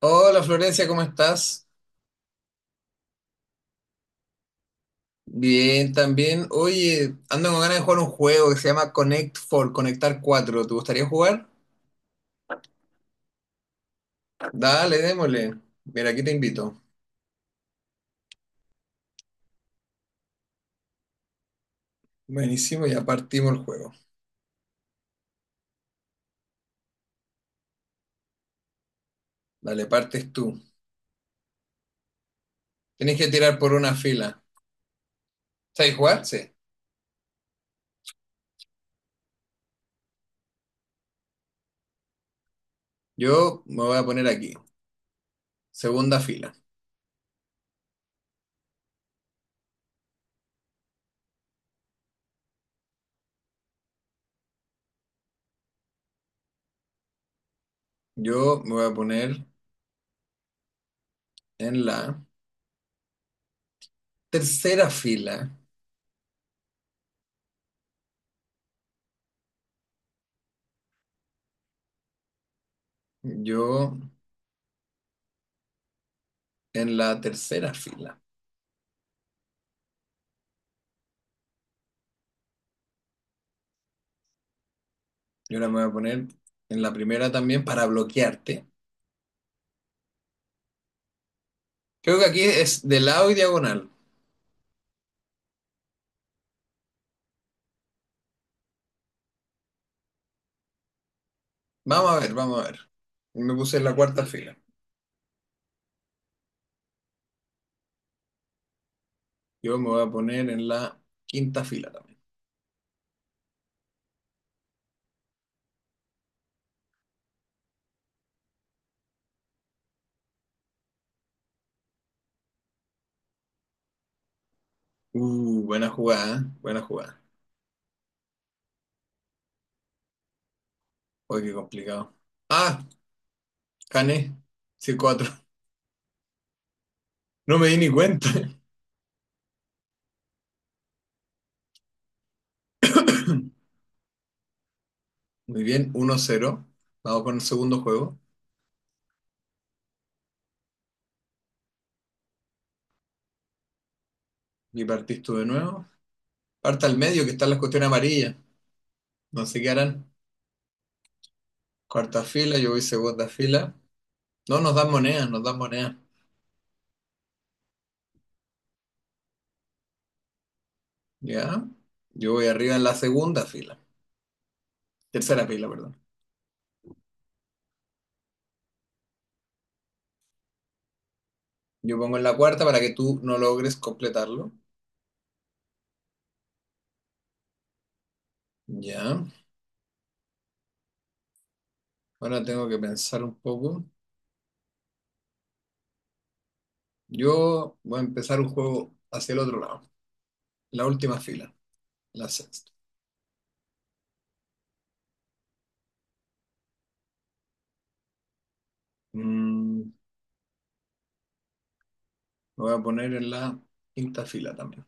Hola Florencia, ¿cómo estás? Bien, también. Oye, ando con ganas de jugar un juego que se llama Connect 4, Conectar cuatro. ¿Te gustaría jugar? Dale, démosle. Mira, aquí te invito. Buenísimo, ya partimos el juego. Dale, partes tú. Tienes que tirar por una fila. ¿Sabes jugar? Sí. Yo me voy a poner aquí, segunda fila. Yo me voy a poner en la tercera fila. Yo en la tercera fila. Yo ahora me voy a poner en la primera también para bloquearte. Creo que aquí es de lado y diagonal. Vamos a ver, vamos a ver. Me puse en la cuarta fila. Yo me voy a poner en la quinta fila también. Buena jugada, ¿eh? Buena jugada. Uy, qué complicado. Ah, gané. 5 cuatro. No me di ni cuenta. Muy bien, uno cero. Vamos con el segundo juego. Y partís tú de nuevo. Parta al medio, que están las cuestiones amarillas. No sé qué harán. Cuarta fila, yo voy segunda fila. No, nos dan monedas, nos dan monedas. Ya. Yo voy arriba en la segunda fila. Tercera pila, perdón. Yo pongo en la cuarta para que tú no logres completarlo. Ya. Ahora tengo que pensar un poco. Yo voy a empezar un juego hacia el otro lado. La última fila, la sexta. Me voy a poner en la quinta fila también.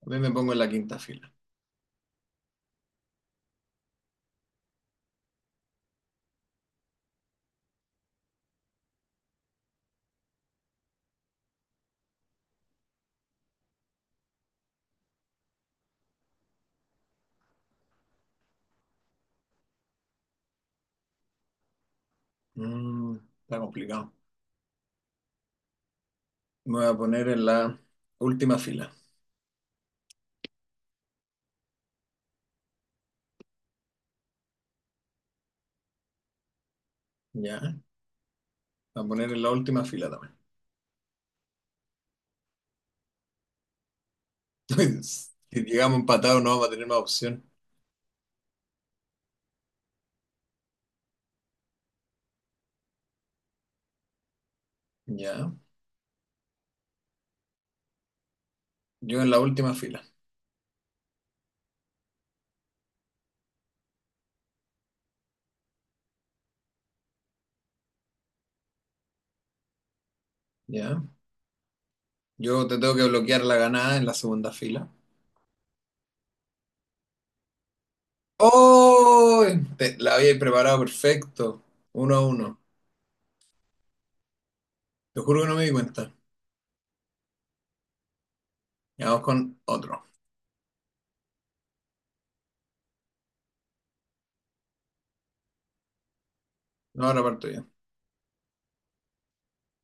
También me pongo en la quinta fila. Mm, está complicado. Me voy a poner en la última fila. Ya. Me voy a poner en la última fila también. Si llegamos empatados no vamos a tener más opción. Ya. Yo en la última fila. Ya. Yo te tengo que bloquear la ganada en la segunda fila. ¡Oh! Te- la había preparado perfecto. Uno a uno. Te juro que no me di cuenta. Y vamos con otro. No, ahora parto yo.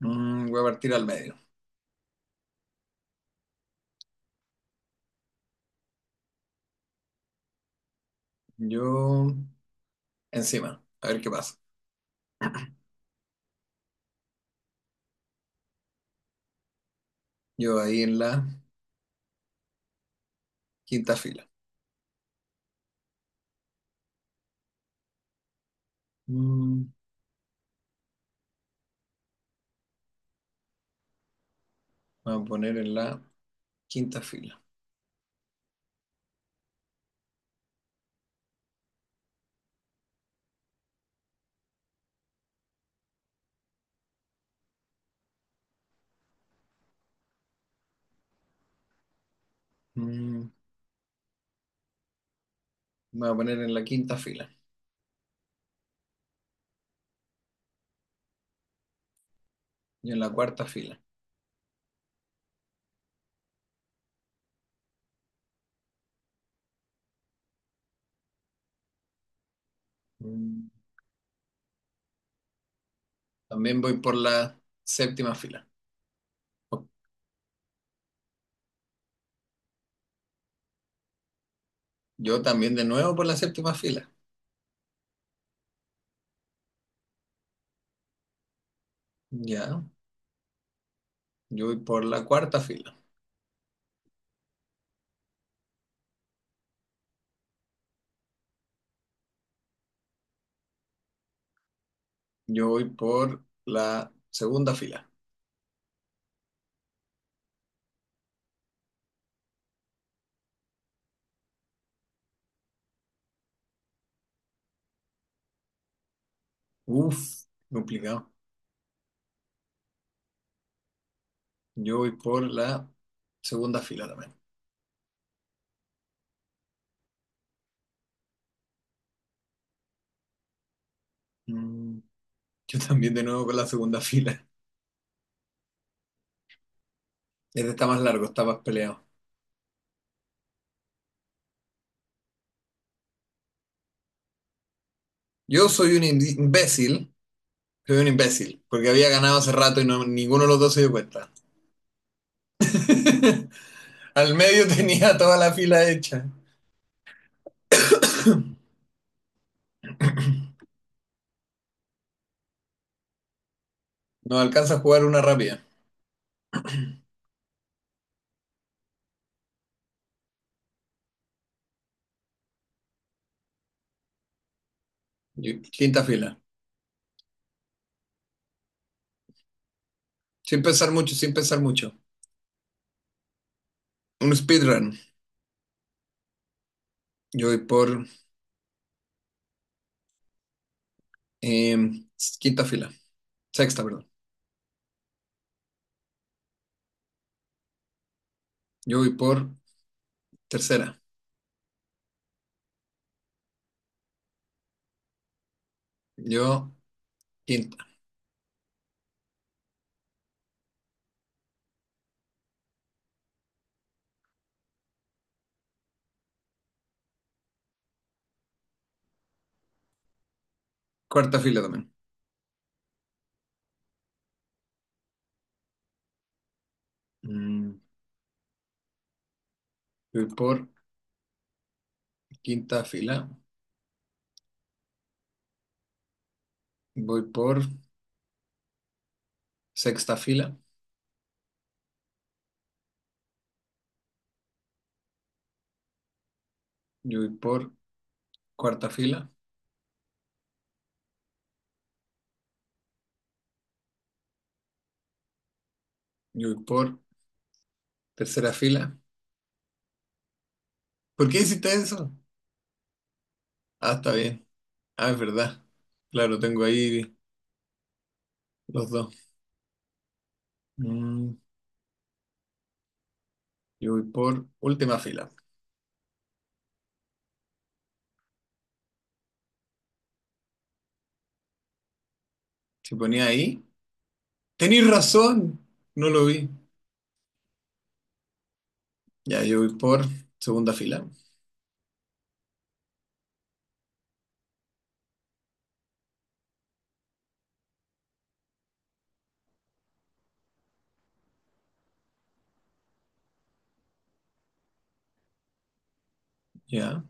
Voy a partir al medio. Yo encima. A ver qué pasa. Yo ahí en la quinta fila. Mm, me voy a poner en la quinta fila. Mm, me voy a poner en la quinta fila. Yo en la cuarta fila. Mm, también voy por la séptima fila. Yo también de nuevo por la séptima fila. Ya. Yo voy por la cuarta fila. Yo voy por la segunda fila. Uf, complicado. Yo voy por la segunda fila también. Mm, yo también de nuevo con la segunda fila. Este está más largo, está más peleado. Yo soy un imbécil. Soy un imbécil, porque había ganado hace rato y no, ninguno de los dos se dio cuenta. Al medio tenía toda la fila hecha. No alcanza a jugar una rápida. Quinta fila. Sin pensar mucho, sin pensar mucho. Un speedrun. Yo voy por Em, quinta fila. Sexta, perdón. Yo voy por tercera. Yo, quinta. Cuarta fila también. Mm, yo voy por quinta fila. Voy por sexta fila. Yo voy por cuarta fila. Yo voy por tercera fila. ¿Por qué hiciste eso? Ah, está bien. Ah, es verdad. Claro, tengo ahí los dos. Mm, yo voy por última fila. Si ponía ahí. Tenéis razón. No lo vi. Ya, yo voy por segunda fila. Ya.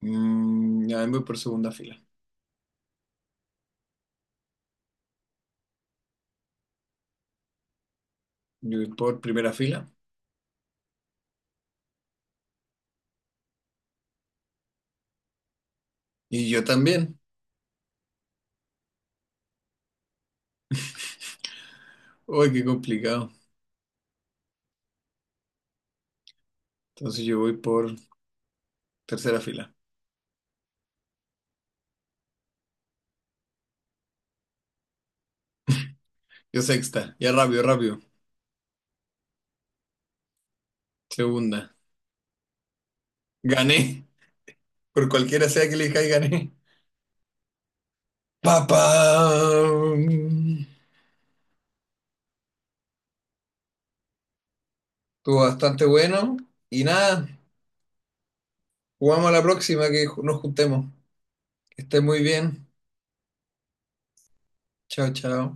Ya, voy por segunda fila. Yo voy por primera fila. Y yo también. Uy, qué complicado. Entonces yo voy por tercera fila. Yo sexta. Ya rápido, rápido. Segunda. Gané. Por cualquiera sea que elija y gané. ¡Papá! Estuvo bastante bueno. Y nada, jugamos a la próxima que nos juntemos. Que esté muy bien. Chao, chao.